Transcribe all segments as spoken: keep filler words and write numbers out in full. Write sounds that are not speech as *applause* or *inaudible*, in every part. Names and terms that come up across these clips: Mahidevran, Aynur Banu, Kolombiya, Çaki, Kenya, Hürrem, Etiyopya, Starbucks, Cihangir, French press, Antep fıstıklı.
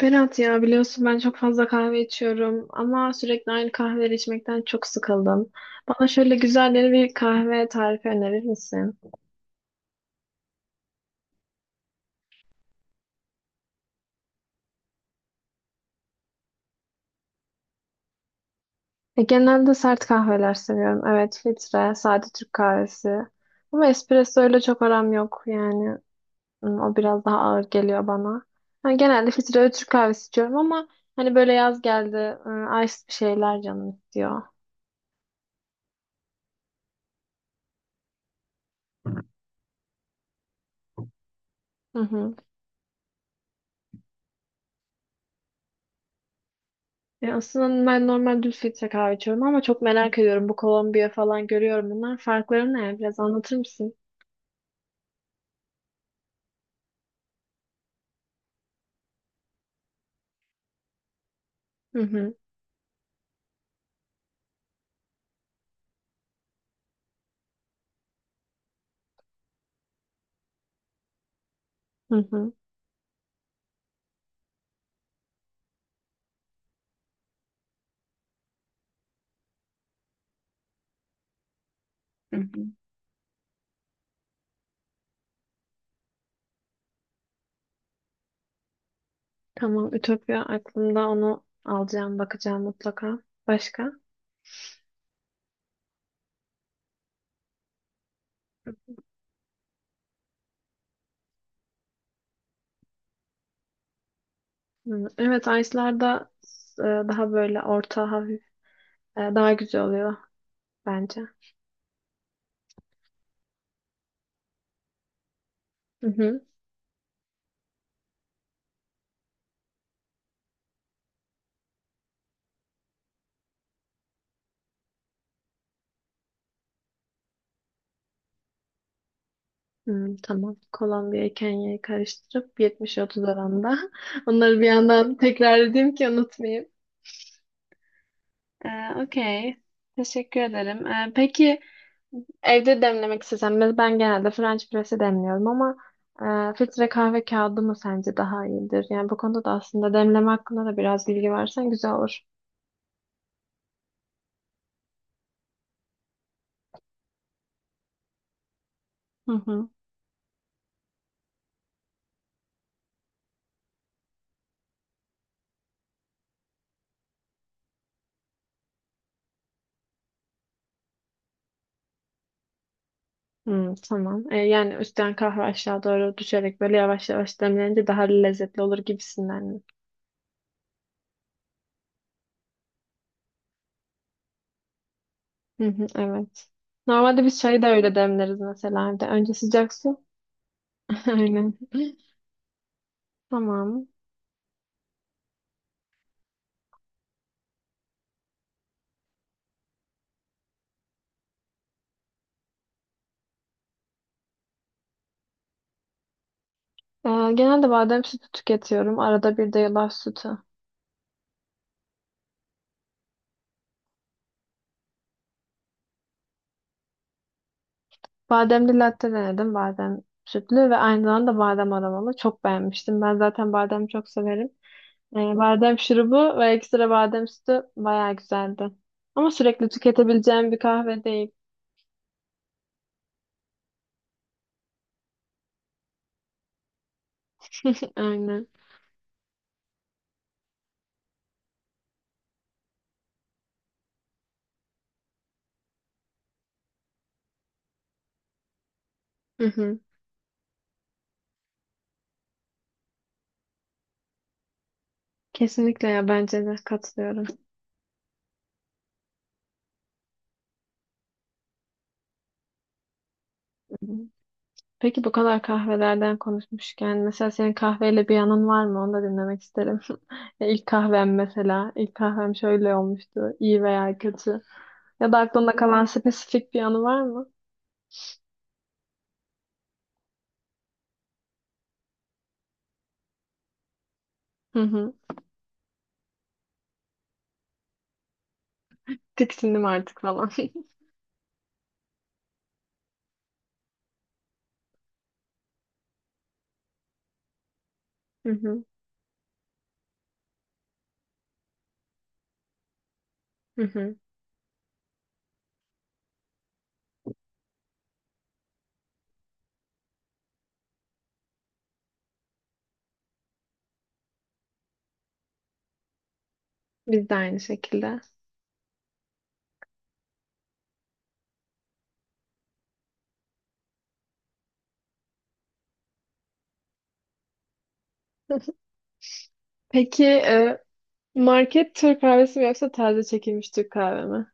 Berat ya biliyorsun ben çok fazla kahve içiyorum ama sürekli aynı kahveleri içmekten çok sıkıldım. Bana şöyle güzel bir kahve tarifi önerir misin? E, genelde sert kahveler seviyorum. Evet, filtre, sade Türk kahvesi. Ama espresso ile çok aram yok yani. Hmm, o biraz daha ağır geliyor bana. Yani genelde filtre ve Türk kahvesi içiyorum ama hani böyle yaz geldi, ıı, ice bir şeyler canım istiyor. Hı hı. Ya aslında ben normal düz filtre kahve içiyorum ama çok merak ediyorum. Bu Kolombiya falan görüyorum bunlar. Farkları ne? Biraz anlatır mısın? Hı hı. Hı hı. Hı hı. Tamam. Ütopya aklımda, onu alacağım, bakacağım mutlaka. Başka? Hı. Evet, Ice'larda e, daha böyle orta hafif e, daha güzel oluyor bence. Hı hı. Hı, tamam. Kolombiya'yı Kenya'yı karıştırıp yetmiş otuz oranda. *laughs* Onları bir yandan tekrar edeyim ki unutmayayım. Ee, okey. Teşekkür ederim. Ee, peki, evde demlemek istesem de ben genelde French press'e demliyorum ama e, filtre kahve kağıdı mı sence daha iyidir? Yani bu konuda da aslında demleme hakkında da biraz bilgi versen güzel olur. Hı hı. Hmm, tamam. E, yani üstten kahve aşağı doğru düşerek böyle yavaş yavaş demlenince daha lezzetli olur gibisinden mi? Hı hı, evet. Normalde biz çayı da öyle demleriz mesela evde. Önce sıcak su. *laughs* Aynen. Tamam. E, genelde badem sütü tüketiyorum. Arada bir de yulaf sütü. Bademli latte denedim. Badem sütlü ve aynı zamanda badem aromalı. Çok beğenmiştim. Ben zaten badem çok severim. Ee, badem şurubu ve ekstra badem sütü bayağı güzeldi. Ama sürekli tüketebileceğim bir kahve değil. *laughs* Aynen. Hı hı. Kesinlikle ya, bence de katılıyorum. Hı hı. Peki bu kadar kahvelerden konuşmuşken mesela senin kahveyle bir yanın var mı? Onu da dinlemek isterim. *laughs* Ya İlk kahvem mesela. İlk kahvem şöyle olmuştu, iyi veya kötü. Ya da aklında kalan spesifik bir anı var mı? Hı hı. Tiksindim artık falan. *laughs* Hı hı. Hı hı. Biz de aynı şekilde. *laughs* Peki e, market Türk kahvesi mi yoksa taze çekilmiş Türk kahve mi?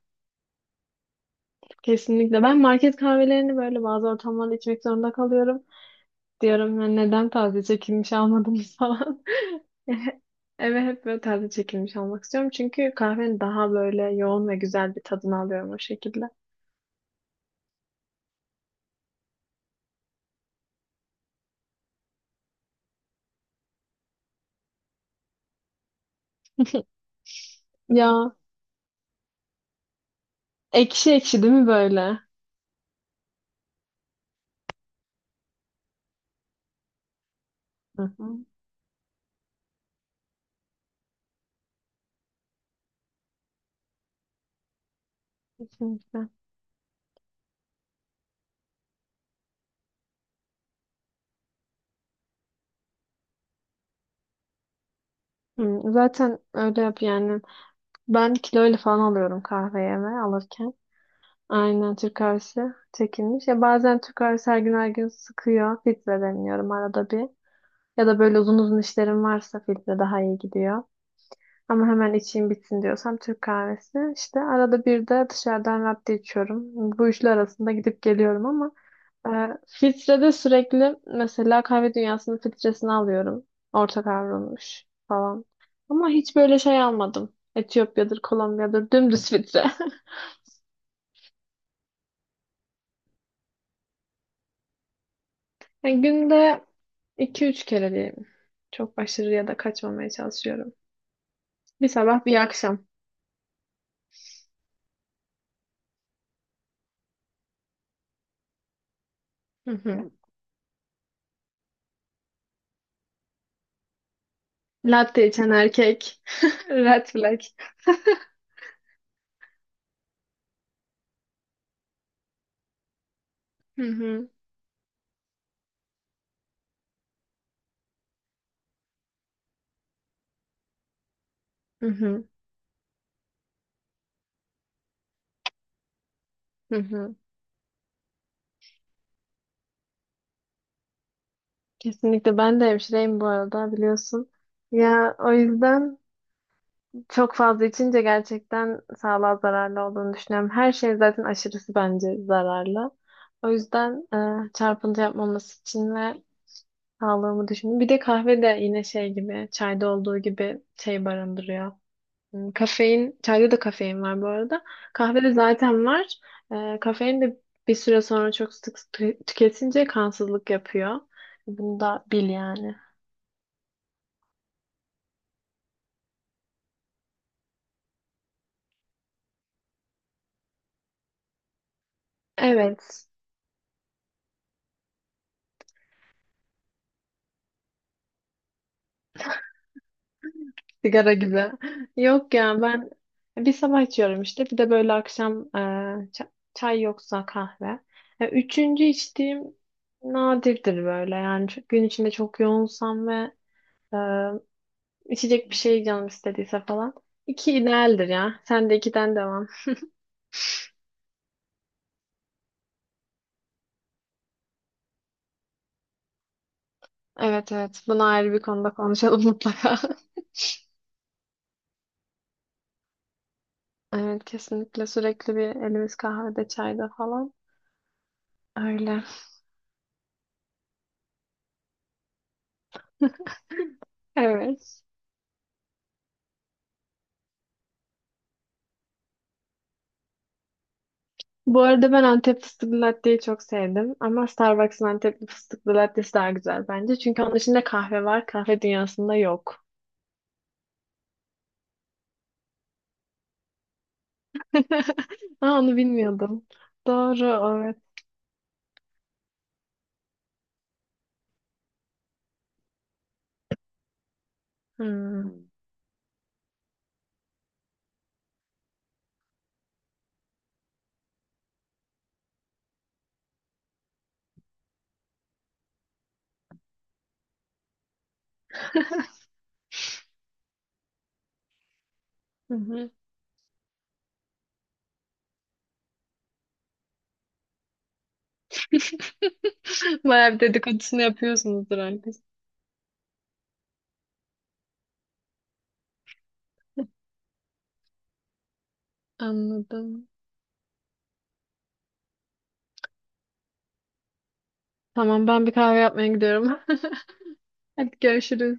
Kesinlikle. Ben market kahvelerini böyle bazı ortamlarda içmek zorunda kalıyorum. Diyorum ya neden taze çekilmiş almadınız *laughs* falan. *laughs* Eve hep böyle taze çekilmiş almak istiyorum. Çünkü kahvenin daha böyle yoğun ve güzel bir tadını alıyorum o şekilde. *laughs* Ya ekşi ekşi değil mi böyle? Hı hı. Kesinlikle. Hı, zaten öyle yap yani. Ben kiloyla falan alıyorum kahveyeme alırken. Aynen Türk kahvesi çekilmiş. Ya bazen Türk kahvesi her gün her gün sıkıyor. Filtre deniyorum arada bir. Ya da böyle uzun uzun işlerim varsa filtre daha iyi gidiyor. Ama hemen içeyim bitsin diyorsam Türk kahvesi. İşte arada bir de dışarıdan latte içiyorum. Bu üçlü arasında gidip geliyorum ama ee, filtrede sürekli mesela kahve dünyasının filtresini alıyorum. Orta kavrulmuş falan. Ama hiç böyle şey almadım. Etiyopya'dır, Kolombiya'dır dümdüz filtre. *laughs* Yani günde iki üç kere diyeyim. Çok aşırıya da kaçmamaya çalışıyorum. Bir sabah bir akşam. Hı hı. Latte içen erkek. *laughs* Red flag. Hı hı. Hı hı. Hı hı. Kesinlikle, ben de hemşireyim bu arada biliyorsun. Ya o yüzden çok fazla içince gerçekten sağlığa zararlı olduğunu düşünüyorum. Her şey zaten aşırısı bence zararlı. O yüzden e, çarpıntı yapmaması için ve sağlığımı düşünün. Bir de kahve de yine şey gibi, çayda olduğu gibi şey barındırıyor. Hmm, kafein, çayda da kafein var bu arada. Kahvede zaten var. E, kafein de bir süre sonra çok sık tü- tüketince kansızlık yapıyor. Bunu da bil yani. Evet. Sigara gibi. Yok ya, ben bir sabah içiyorum işte. Bir de böyle akşam, e, ça- çay yoksa kahve. E, üçüncü içtiğim nadirdir böyle. Yani çok- gün içinde çok yoğunsam ve e, içecek bir şey canım istediyse falan. İki idealdir ya. Sen de ikiden devam. Evet evet. Bunu ayrı bir konuda konuşalım mutlaka. *laughs* Evet kesinlikle, sürekli bir elimiz kahvede çayda falan. Öyle. Evet. Bu arada ben Antep fıstıklı latteyi çok sevdim ama Starbucks'ın Antep fıstıklı lattesi daha güzel bence. Çünkü onun içinde kahve var, kahve dünyasında yok. *laughs* Aa, onu bilmiyordum. Doğru, evet. Hmm. Hı hı. *laughs* Bayağı bir dedikodusunu yapıyorsunuzdur herkes. Anladım. Tamam, ben bir kahve yapmaya gidiyorum. *laughs* Hadi görüşürüz.